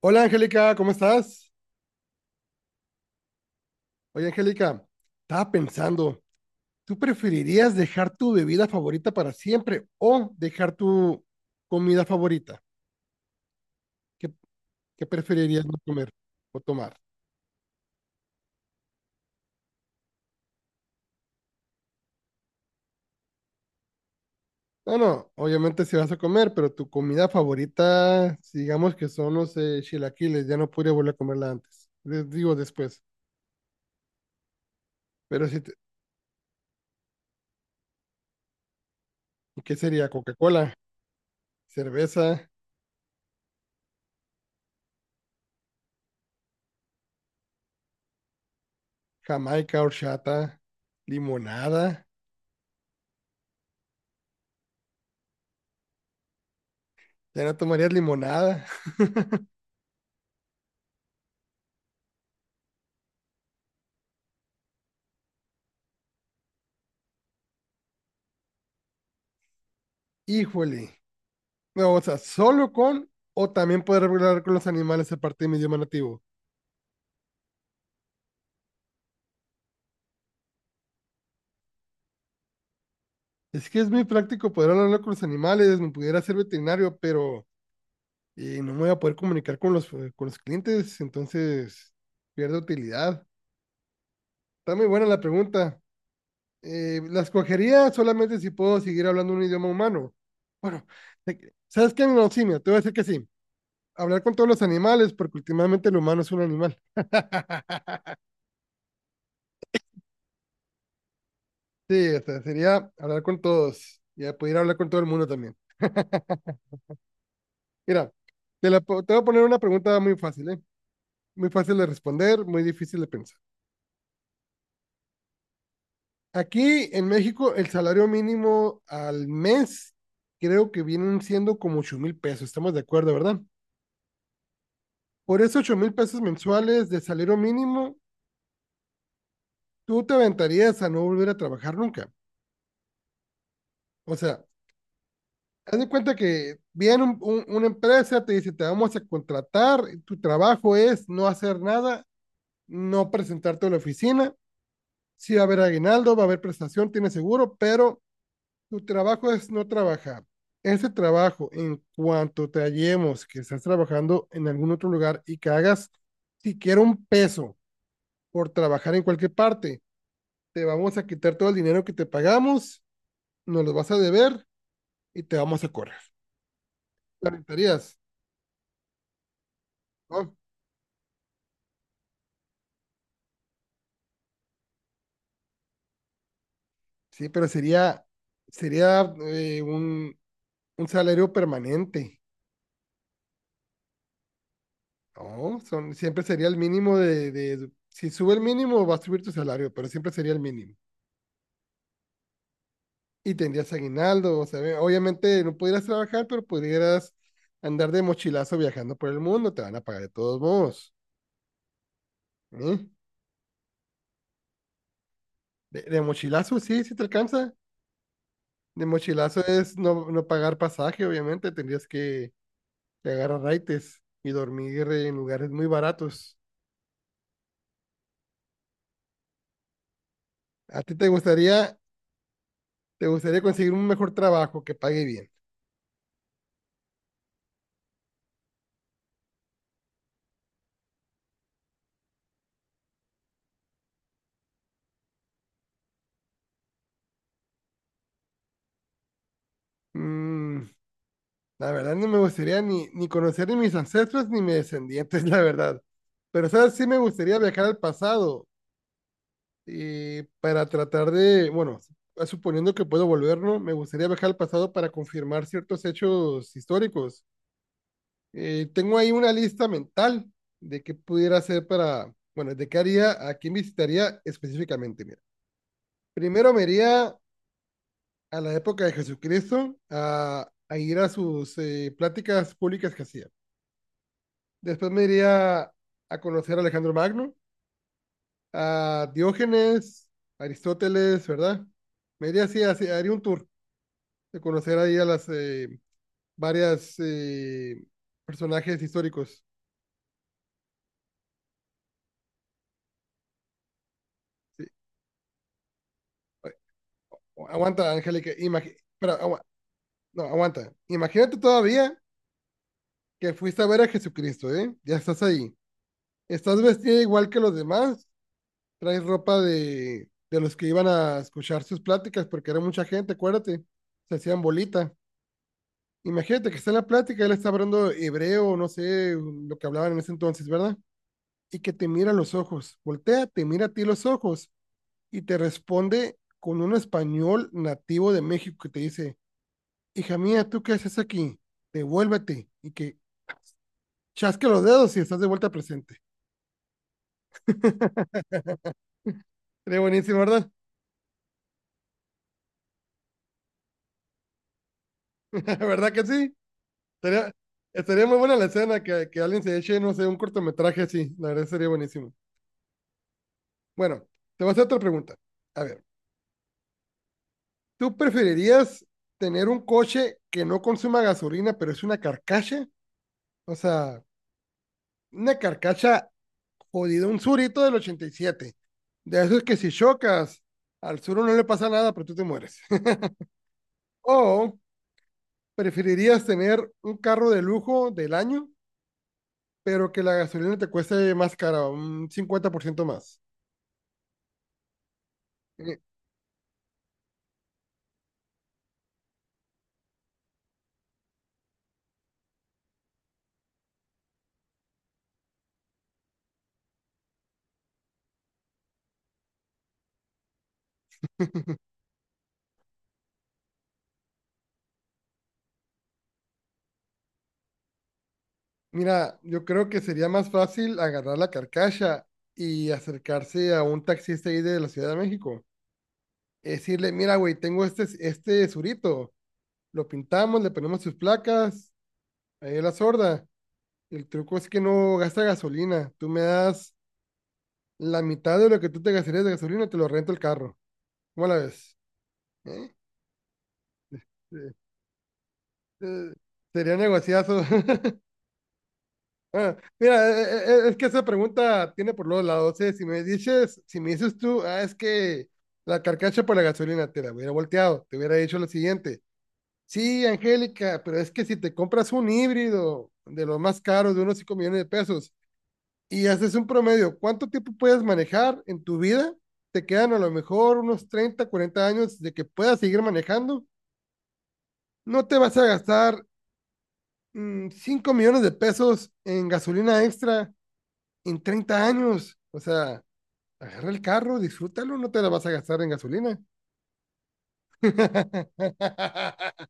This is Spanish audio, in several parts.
Hola Angélica, ¿cómo estás? Oye Angélica, estaba pensando, ¿tú preferirías dejar tu bebida favorita para siempre o dejar tu comida favorita? ¿Qué, qué preferirías no comer o tomar? No, no, obviamente si vas a comer, pero tu comida favorita, si digamos que son los chilaquiles, ya no podría volver a comerla antes. Les digo después. Pero si te- ¿qué sería? Coca-Cola, cerveza, Jamaica, horchata, limonada. Ya no tomarías limonada. Híjole. No, o sea, solo con o también poder hablar con los animales aparte de mi idioma nativo. Es que es muy práctico poder hablar con los animales, me pudiera ser veterinario, pero no me voy a poder comunicar con los clientes, entonces pierdo utilidad. Está muy buena la pregunta. La escogería solamente si puedo seguir hablando un idioma humano. Bueno, ¿sabes qué? No, sí, mira, te voy a decir que sí. Hablar con todos los animales, porque últimamente el humano es un animal. Sí, o sea, sería hablar con todos y poder hablar con todo el mundo también. Mira, te voy a poner una pregunta muy fácil, ¿eh? Muy fácil de responder, muy difícil de pensar. Aquí en México, el salario mínimo al mes creo que vienen siendo como 8,000 pesos, estamos de acuerdo, ¿verdad? Por esos 8,000 pesos mensuales de salario mínimo, tú te aventarías a no volver a trabajar nunca. O sea, haz de cuenta que viene una empresa, te dice, te vamos a contratar, tu trabajo es no hacer nada, no presentarte a la oficina. Sí va a haber aguinaldo, va a haber prestación, tiene seguro, pero tu trabajo es no trabajar. Ese trabajo, en cuanto te hallemos que estás trabajando en algún otro lugar y que hagas siquiera un peso por trabajar en cualquier parte, te vamos a quitar todo el dinero que te pagamos, nos lo vas a deber y te vamos a correr. ¿Lamentarías? ¿No? Sí, pero sería un salario permanente. No, son, siempre sería el mínimo. Si sube el mínimo va a subir tu salario, pero siempre sería el mínimo. Y tendrías aguinaldo, o sea, obviamente no pudieras trabajar, pero pudieras andar de mochilazo viajando por el mundo, te van a pagar de todos modos, ¿eh? De mochilazo, sí, sí te alcanza. De mochilazo es no, no pagar pasaje, obviamente, tendrías que agarrar raites y dormir en lugares muy baratos. ¿A ti te gustaría conseguir un mejor trabajo que pague bien? Mm, La verdad no me gustaría ni conocer ni mis ancestros ni mis descendientes, la verdad. Pero, ¿sabes? Sí me gustaría viajar al pasado y para tratar de, bueno, suponiendo que puedo volverlo, me gustaría viajar al pasado para confirmar ciertos hechos históricos. Tengo ahí una lista mental de qué pudiera hacer para, bueno, de qué haría, a quién visitaría específicamente. Mira, primero me iría a la época de Jesucristo a ir a sus pláticas públicas que hacía. Después me iría a conocer a Alejandro Magno, a Diógenes, a Aristóteles, ¿verdad? Me iría así, así, haría un tour de conocer ahí a las varias personajes históricos. Sí. Aguanta, Angélica, espera, no, aguanta. Imagínate todavía que fuiste a ver a Jesucristo, ¿eh? Ya estás ahí. Estás vestida igual que los demás, traes ropa de los que iban a escuchar sus pláticas, porque era mucha gente, acuérdate, se hacían bolita. Imagínate que está en la plática, él está hablando hebreo, no sé lo que hablaban en ese entonces, ¿verdad? Y que te mira a los ojos, voltea, te mira a ti los ojos y te responde con un español nativo de México que te dice, hija mía, ¿tú qué haces aquí? Devuélvete y que chasque los dedos y estás de vuelta presente. Sería buenísimo, ¿verdad? ¿Verdad que sí? Sería, estaría muy buena la escena que alguien se eche, no sé, un cortometraje así, la verdad sería buenísimo. Bueno, te voy a hacer otra pregunta. A ver. ¿Tú preferirías tener un coche que no consuma gasolina, pero es una carcacha? O sea, una carcacha jodida, un surito del 87. De eso es que si chocas, al suro no le pasa nada, pero tú te mueres. O preferirías tener un carro de lujo del año, pero que la gasolina te cueste más cara, un 50% más. Eh, Mira, yo creo que sería más fácil agarrar la carcacha y acercarse a un taxista ahí de la Ciudad de México, es decirle, mira, güey, tengo este surito, lo pintamos, le ponemos sus placas, ahí la sorda. El truco es que no gasta gasolina. Tú me das la mitad de lo que tú te gastarías de gasolina, te lo rento el carro. ¿Cómo la ves? ¿Eh? Eh, eh, Sería negociazo. Mira, es que esa pregunta tiene por los lados. Si me dices tú, es que la carcacha por la gasolina te la hubiera volteado, te hubiera dicho lo siguiente. Sí, Angélica, pero es que si te compras un híbrido de los más caros, de unos 5 millones de pesos, y haces un promedio, ¿cuánto tiempo puedes manejar en tu vida? Te quedan a lo mejor unos 30, 40 años de que puedas seguir manejando. No te vas a gastar 5 millones de pesos en gasolina extra en 30 años. O sea, agarra el carro, disfrútalo, no te la vas a gastar en gasolina.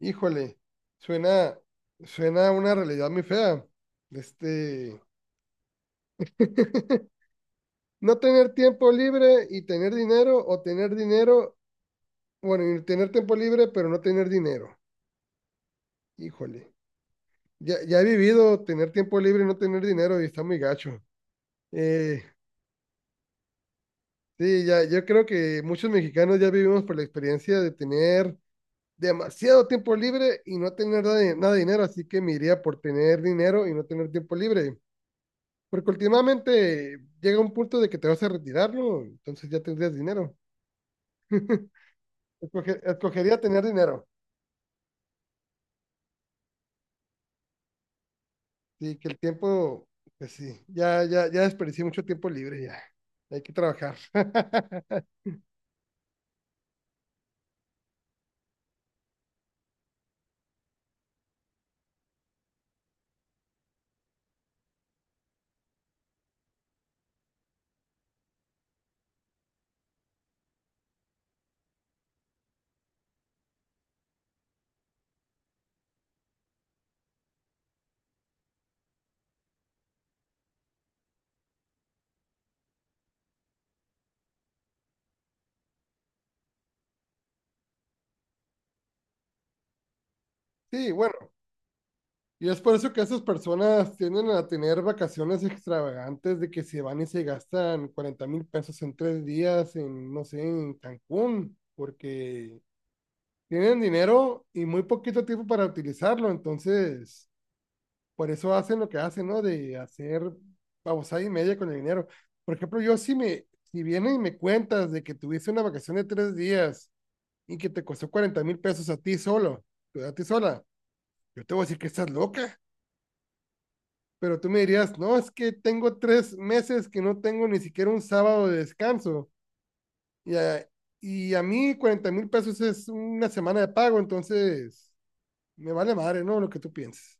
Híjole, suena, suena a una realidad muy fea. Este, no tener tiempo libre y tener dinero, o tener dinero, bueno, y tener tiempo libre, pero no tener dinero. Híjole, ya, ya he vivido tener tiempo libre y no tener dinero y está muy gacho. Eh, sí, ya, yo creo que muchos mexicanos ya vivimos por la experiencia de tener demasiado tiempo libre y no tener nada de dinero, así que me iría por tener dinero y no tener tiempo libre. Porque últimamente llega un punto de que te vas a retirar, ¿no? Entonces ya tendrías dinero. Escogería tener dinero. Sí, que el tiempo, pues sí, ya, ya, ya desperdicié mucho tiempo libre ya. Hay que trabajar. Sí, bueno, y es por eso que esas personas tienden a tener vacaciones extravagantes de que se van y se gastan 40,000 pesos en 3 días en, no sé, en Cancún, porque tienen dinero y muy poquito tiempo para utilizarlo, entonces por eso hacen lo que hacen, ¿no? De hacer babosada y media con el dinero. Por ejemplo, yo si vienen y me cuentas de que tuviste una vacación de 3 días y que te costó 40,000 pesos a ti solo, pues, a ti sola, yo te voy a decir que estás loca. Pero tú me dirías, no, es que tengo 3 meses que no tengo ni siquiera un sábado de descanso. Y a, y a mí 40,000 pesos es una semana de pago, entonces me vale madre, ¿no? Lo que tú pienses.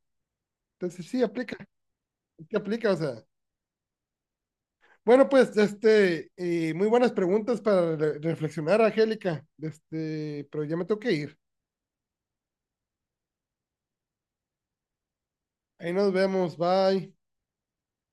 Entonces sí aplica, o sea, bueno, pues, y muy buenas preguntas para reflexionar, Angélica. Pero ya me tengo que ir. Ahí nos vemos, bye.